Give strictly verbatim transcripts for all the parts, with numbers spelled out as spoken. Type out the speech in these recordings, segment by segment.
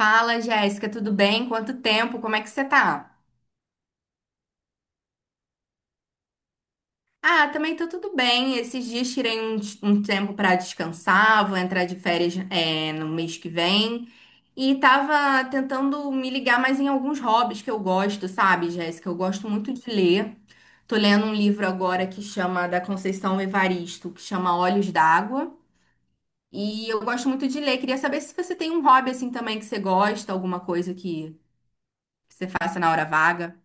Fala, Jéssica, tudo bem? Quanto tempo? Como é que você tá? Ah, também tô tudo bem. Esses dias tirei um, um tempo pra descansar, vou entrar de férias, é, no mês que vem. E tava tentando me ligar mais em alguns hobbies que eu gosto, sabe, Jéssica? Eu gosto muito de ler. Tô lendo um livro agora que chama da Conceição Evaristo, que chama Olhos d'Água. E eu gosto muito de ler. Queria saber se você tem um hobby assim também que você gosta, alguma coisa que você faça na hora vaga.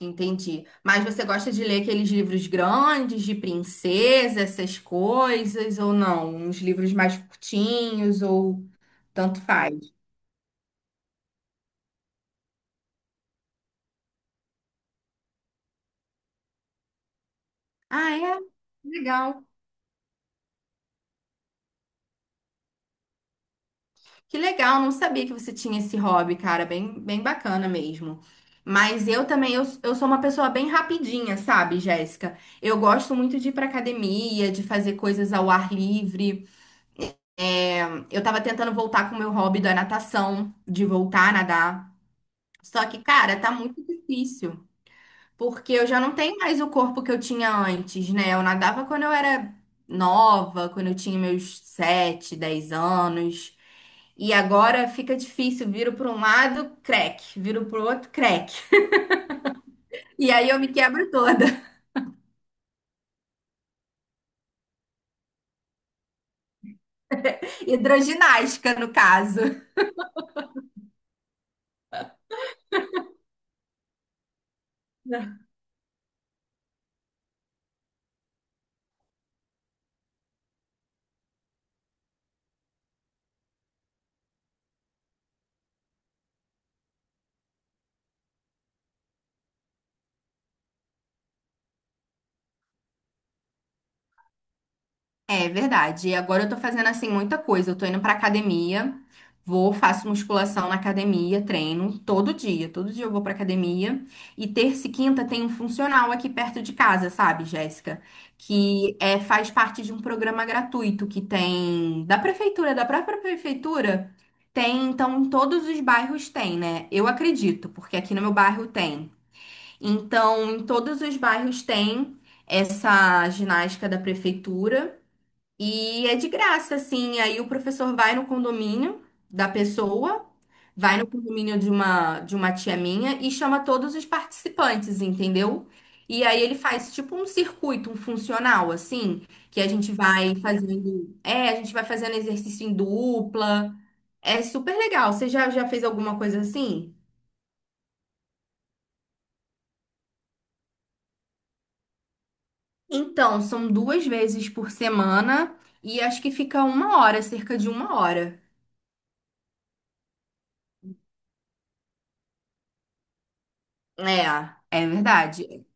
Entendi. Mas você gosta de ler aqueles livros grandes, de princesa, essas coisas, ou não? Uns livros mais curtinhos, ou tanto faz? Ah, é? Legal. Que legal, não sabia que você tinha esse hobby, cara, bem, bem bacana mesmo. Mas eu também, eu, eu sou uma pessoa bem rapidinha, sabe, Jéssica? Eu gosto muito de ir pra academia, de fazer coisas ao ar livre. Eu tava tentando voltar com o meu hobby da natação, de voltar a nadar. Só que, cara, tá muito difícil, porque eu já não tenho mais o corpo que eu tinha antes, né? Eu nadava quando eu era nova, quando eu tinha meus sete, dez anos. E agora fica difícil, viro para um lado, crack, viro para o outro, crack. E aí eu me quebro toda. Hidroginástica, no caso. É verdade. E agora eu tô fazendo assim muita coisa. Eu tô indo pra academia, vou, faço musculação na academia, treino todo dia. Todo dia eu vou pra academia. E terça e quinta tem um funcional aqui perto de casa, sabe, Jéssica? Que é, faz parte de um programa gratuito que tem da prefeitura, da própria prefeitura. Tem, então, em todos os bairros tem, né? Eu acredito, porque aqui no meu bairro tem. Então, em todos os bairros tem essa ginástica da prefeitura. E é de graça, assim. Aí o professor vai no condomínio da pessoa, vai no condomínio de uma, de uma tia minha e chama todos os participantes, entendeu? E aí ele faz tipo um circuito, um funcional, assim, que a gente vai fazendo. É, a gente vai fazendo exercício em dupla. É super legal. Você já, já fez alguma coisa assim? Então, são duas vezes por semana e acho que fica uma hora, cerca de uma hora. É, é verdade.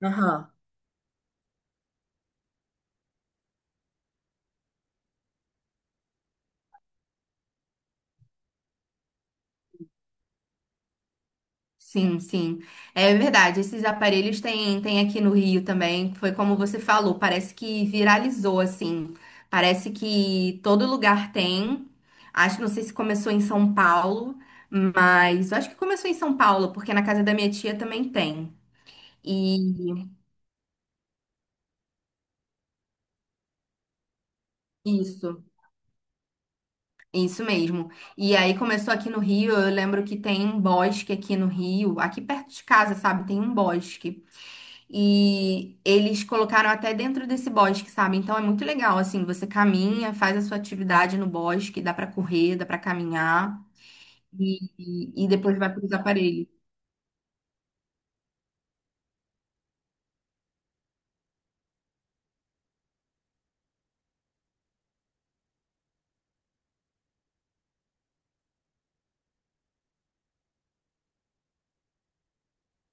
Caramba. Sim, sim. É verdade. Esses aparelhos tem, tem aqui no Rio também. Foi como você falou, parece que viralizou, assim. Parece que todo lugar tem. Acho, não sei se começou em São Paulo, mas eu acho que começou em São Paulo, porque na casa da minha tia também tem. E isso, isso mesmo. E aí começou aqui no Rio. Eu lembro que tem um bosque aqui no Rio, aqui perto de casa, sabe? Tem um bosque. E eles colocaram até dentro desse bosque, sabe? Então é muito legal, assim, você caminha, faz a sua atividade no bosque, dá pra correr, dá pra caminhar e, e, e depois vai pros aparelhos.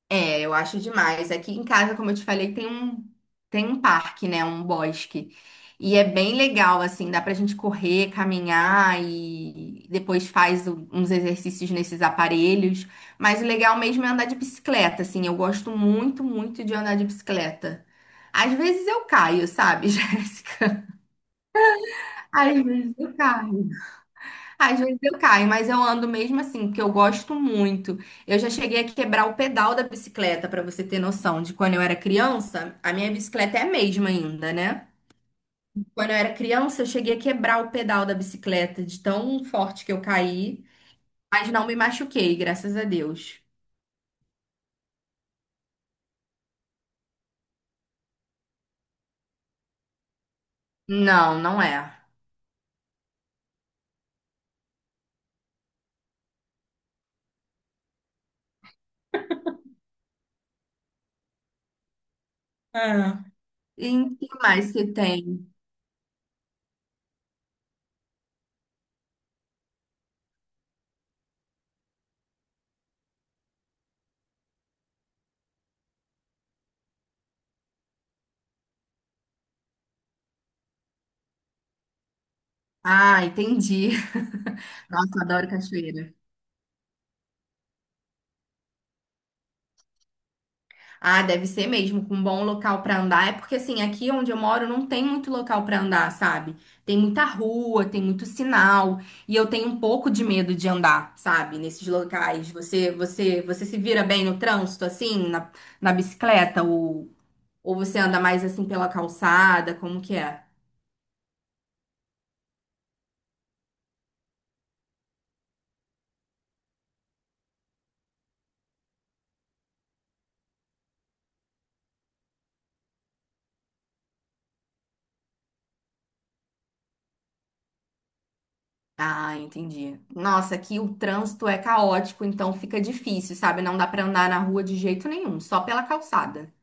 É, eu acho demais. Aqui em casa, como eu te falei, tem um, tem um parque, né? Um bosque. E é bem legal, assim, dá pra gente correr, caminhar e depois faz o- uns exercícios nesses aparelhos. Mas o legal mesmo é andar de bicicleta, assim. Eu gosto muito, muito de andar de bicicleta. Às vezes eu caio, sabe, Jéssica? Às vezes eu caio. Às vezes eu caio, mas eu ando mesmo assim, porque eu gosto muito. Eu já cheguei a quebrar o pedal da bicicleta, pra você ter noção de quando eu era criança, a minha bicicleta é a mesma ainda, né? Quando eu era criança, eu cheguei a quebrar o pedal da bicicleta de tão forte que eu caí, mas não me machuquei, graças a Deus. Não, não é. Ah. E o que mais que tem? Ah, entendi. Nossa, eu adoro cachoeira. Ah, deve ser mesmo, com um bom local pra andar. É porque assim, aqui onde eu moro não tem muito local pra andar, sabe? Tem muita rua, tem muito sinal, e eu tenho um pouco de medo de andar, sabe? Nesses locais. Você, você, você se vira bem no trânsito assim, na, na bicicleta ou ou você anda mais assim pela calçada, como que é? Ah, entendi. Nossa, aqui o trânsito é caótico, então fica difícil, sabe? Não dá pra andar na rua de jeito nenhum, só pela calçada.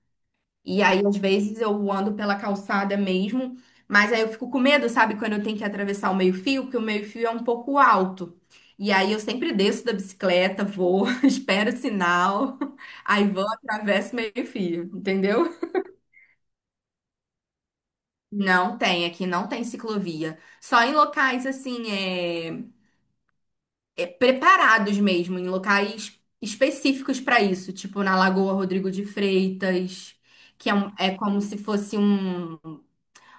E aí, às vezes, eu ando pela calçada mesmo, mas aí eu fico com medo, sabe, quando eu tenho que atravessar o meio-fio, porque o meio-fio é um pouco alto. E aí eu sempre desço da bicicleta, vou, espero o sinal, aí vou, atravesso o meio-fio, entendeu? Não tem, aqui não tem ciclovia. Só em locais assim, é, é, preparados mesmo, em locais específicos para isso, tipo na Lagoa Rodrigo de Freitas, que é, um- é como se fosse um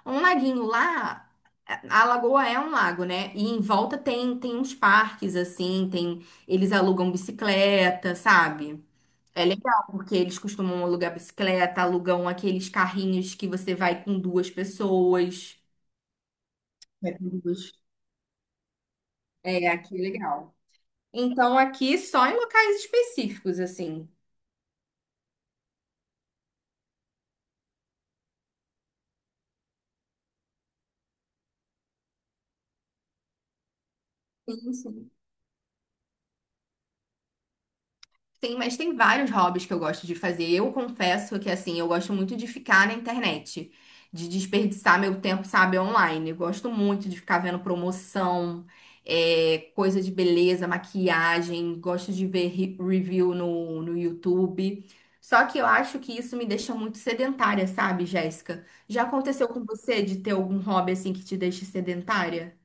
um laguinho lá, a a lagoa é um lago, né? E em volta tem, tem uns parques, assim, tem, eles alugam bicicleta, sabe? É legal, porque eles costumam alugar bicicleta, alugam aqueles carrinhos que você vai com duas pessoas. Vai com duas. É, aqui é legal. Então, aqui só em locais específicos, assim. Sim, sim. Tem, mas tem vários hobbies que eu gosto de fazer. Eu confesso que, assim, eu gosto muito de ficar na internet, de desperdiçar meu tempo, sabe, online. Eu gosto muito de ficar vendo promoção, é, coisa de beleza, maquiagem. Gosto de ver re- review no, no YouTube. Só que eu acho que isso me deixa muito sedentária, sabe, Jéssica? Já aconteceu com você de ter algum hobby, assim, que te deixa sedentária?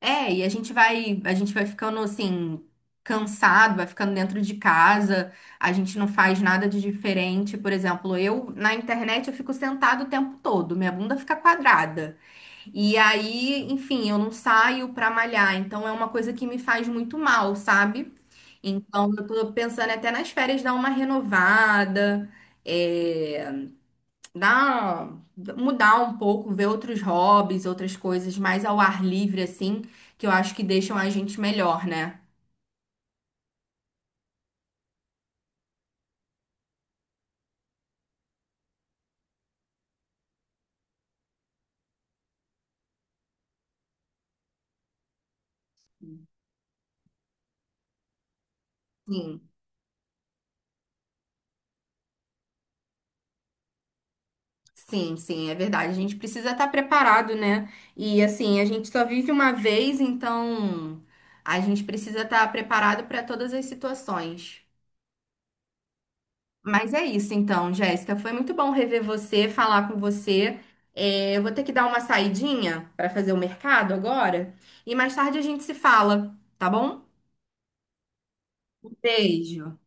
É, e a gente vai, a gente vai ficando assim, cansado, vai ficando dentro de casa, a gente não faz nada de diferente. Por exemplo, eu na internet eu fico sentado o tempo todo, minha bunda fica quadrada. E aí, enfim, eu não saio pra malhar, então é uma coisa que me faz muito mal, sabe? Então eu tô pensando até nas férias dar uma renovada. eh, dar, Mudar um pouco, ver outros hobbies, outras coisas mais ao ar livre, assim, que eu acho que deixam a gente melhor, né? Sim, sim, sim, é verdade. A gente precisa estar preparado, né? E assim, a gente só vive uma vez, então a gente precisa estar preparado para todas as situações. Mas é isso então, Jéssica. Foi muito bom rever você, falar com você. É, eu vou ter que dar uma saidinha para fazer o mercado agora e mais tarde a gente se fala, tá bom? Beijo.